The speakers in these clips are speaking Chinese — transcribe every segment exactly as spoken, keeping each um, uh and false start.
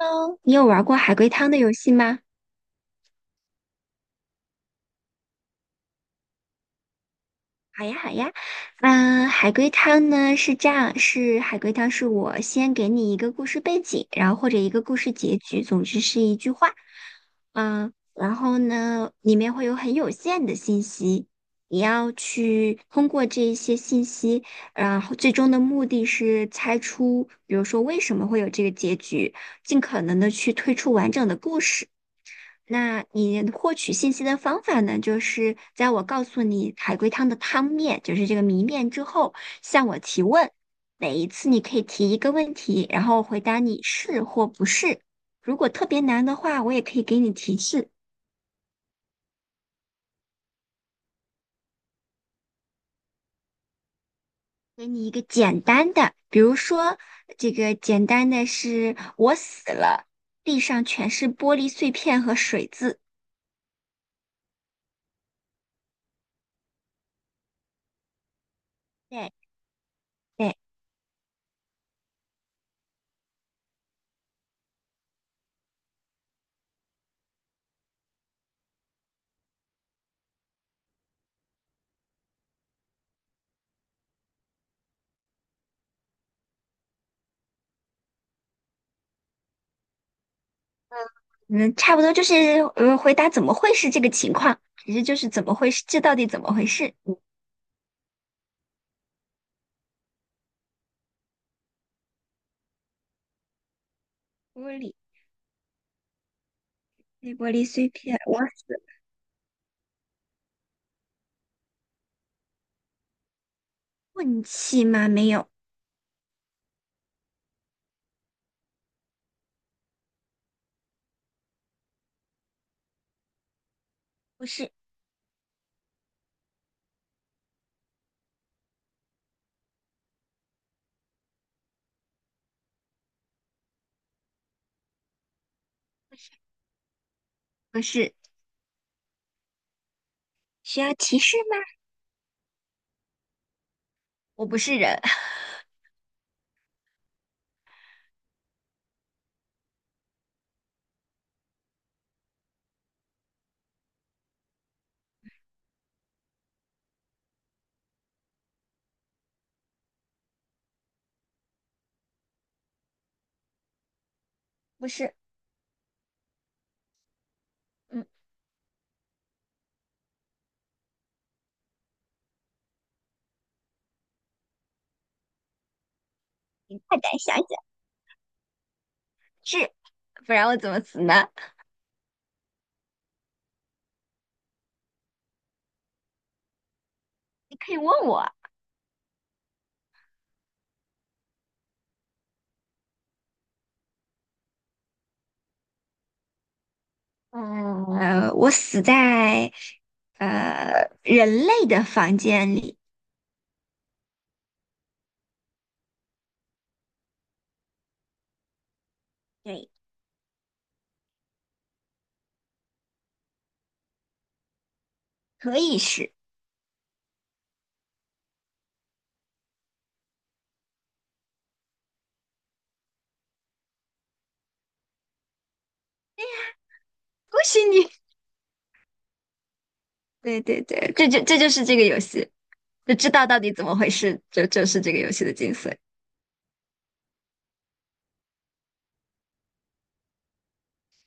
喽，你有玩过海龟汤的游戏吗？好呀，好呀。嗯，海龟汤呢是这样，是海龟汤是我先给你一个故事背景，然后或者一个故事结局，总之是一句话。嗯，然后呢，里面会有很有限的信息，你要去通过这一些信息，然后最终的目的是猜出，比如说为什么会有这个结局，尽可能的去推出完整的故事。那你获取信息的方法呢，就是在我告诉你海龟汤的汤面，就是这个谜面之后，向我提问。每一次你可以提一个问题，然后回答你是或不是。如果特别难的话，我也可以给你提示，给你一个简单的，比如说这个简单的是我死了，地上全是玻璃碎片和水渍。对。对。嗯，差不多就是嗯，回答怎么会是这个情况，其实就是怎么回事，这到底怎么回事？嗯玻璃，被玻璃碎片我死，运气吗？没有，不是，不是，需要提示吗？我不是人，不是，嗯，快点想想，是，不然我怎么死呢？你可以问我，嗯，呃，我死在呃人类的房间里，对，可以是，恭喜你，对对对，这就这就是这个游戏。就知道到底怎么回事，就就是这个游戏的精髓。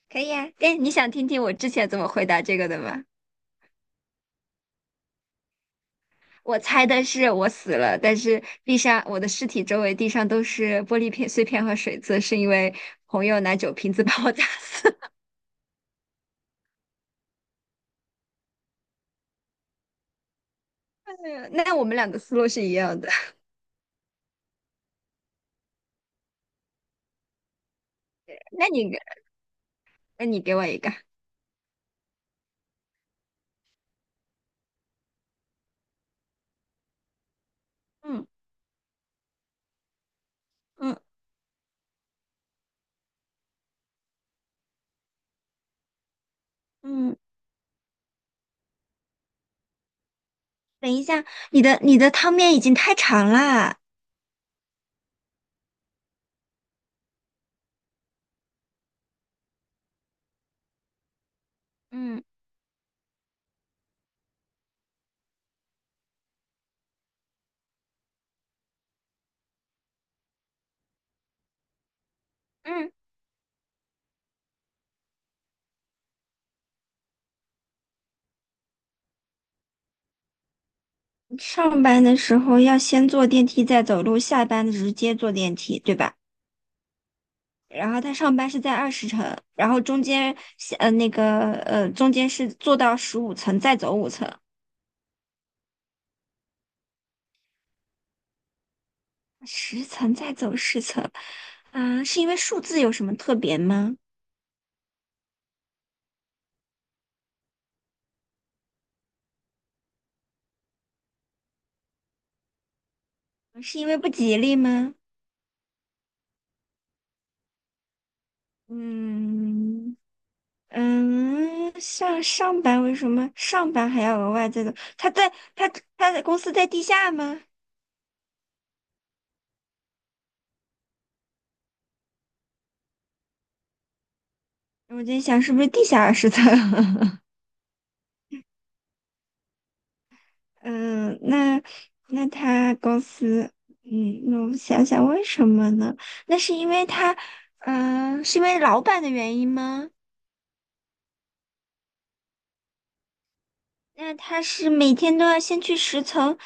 可以啊，哎，你想听听我之前怎么回答这个的吗？我猜的是我死了，但是地上我的尸体周围地上都是玻璃片碎片和水渍，是因为朋友拿酒瓶子把我砸死。哎呀，那我们俩的思路是一样的。那你给那你给我一个。嗯。嗯。嗯，等一下，你的你的汤面已经太长啦。嗯。嗯，上班的时候要先坐电梯再走路，下班直接坐电梯，对吧？然后他上班是在二十层，然后中间呃那个呃中间是坐到十五层再走五层，十层再走十层，啊、是因为数字有什么特别吗？是因为不吉利吗？嗯。嗯，像上班为什么上班还要额外再走？他在他他的公司在地下吗？我在想是不是地下二十层？嗯，那那他公司，嗯，那我想想为什么呢？那是因为他，嗯、是因为老板的原因吗？那他是每天都要先去十层，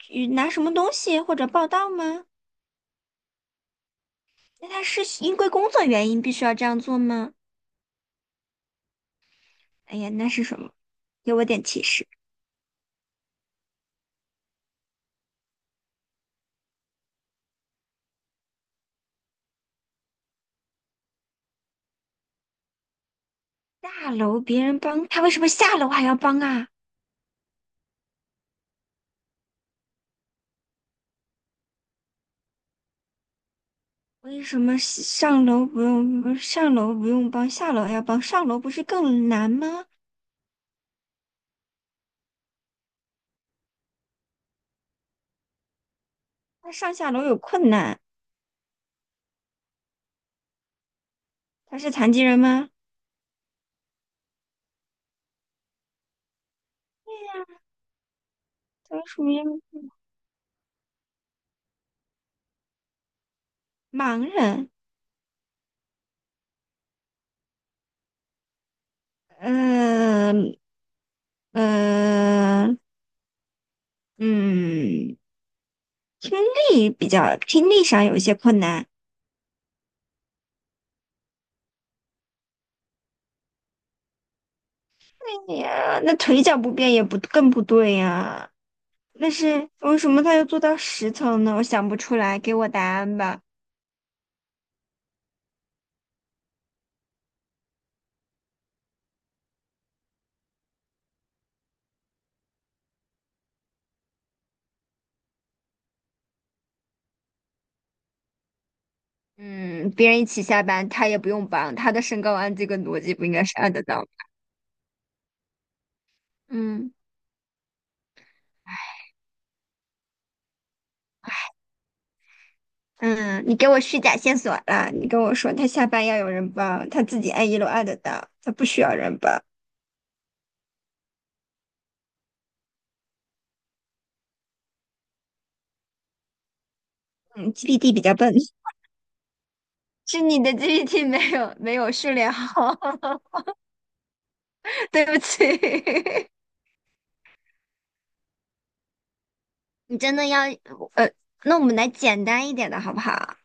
去拿什么东西或者报到吗？那他是因为工作原因必须要这样做吗？哎呀，那是什么？给我点提示。下楼别人帮，他为什么下楼还要帮啊？为什么上楼不用，上楼不用帮，下楼还要帮？上楼不是更难吗？他上下楼有困难，他是残疾人吗？他是属于盲人。嗯。嗯。嗯，听力比较，听力上有一些困难。哎呀，那腿脚不便也不更不对呀、那是为什么他要做到十层呢？我想不出来，给我答案吧。嗯，别人一起下班，他也不用帮，他的身高按这个逻辑不应该是按得到的。嗯。嗯，你给我虚假线索了。你跟我说他下班要有人帮，他自己按一楼按得到，他不需要人帮。嗯，G P T 比较笨，是你的 G P T 没有没有训练好，对不起。你真的要呃，那我们来简单一点的好不好？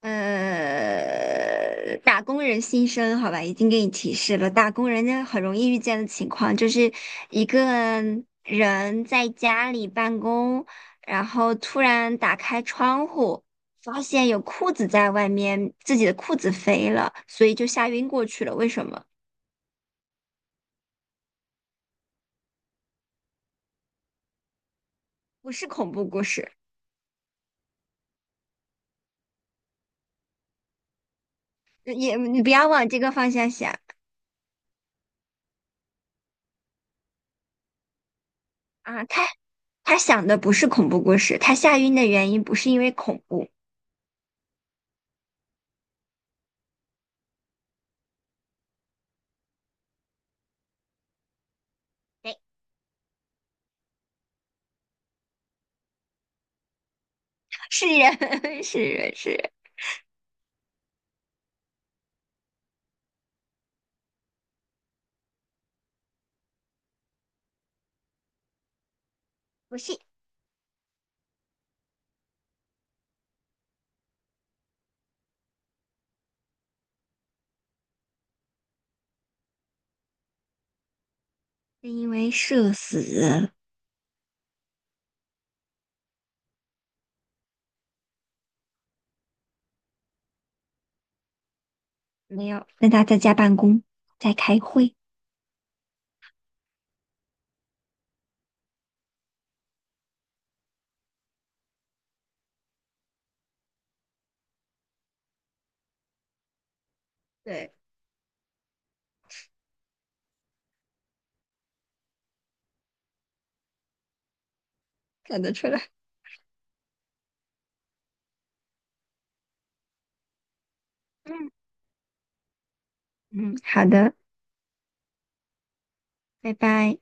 呃，打工人心声，好吧，已经给你提示了。打工人家很容易遇见的情况，就是一个人在家里办公，然后突然打开窗户，发现有裤子在外面，自己的裤子飞了，所以就吓晕过去了。为什么？不是恐怖故事，呃也你不要往这个方向想啊。他他想的不是恐怖故事，他吓晕的原因不是因为恐怖，对，是人，是人，是人。不是，是因为社死没有跟他在家办公，在开会。对，看得出来。嗯。嗯，好的，拜拜。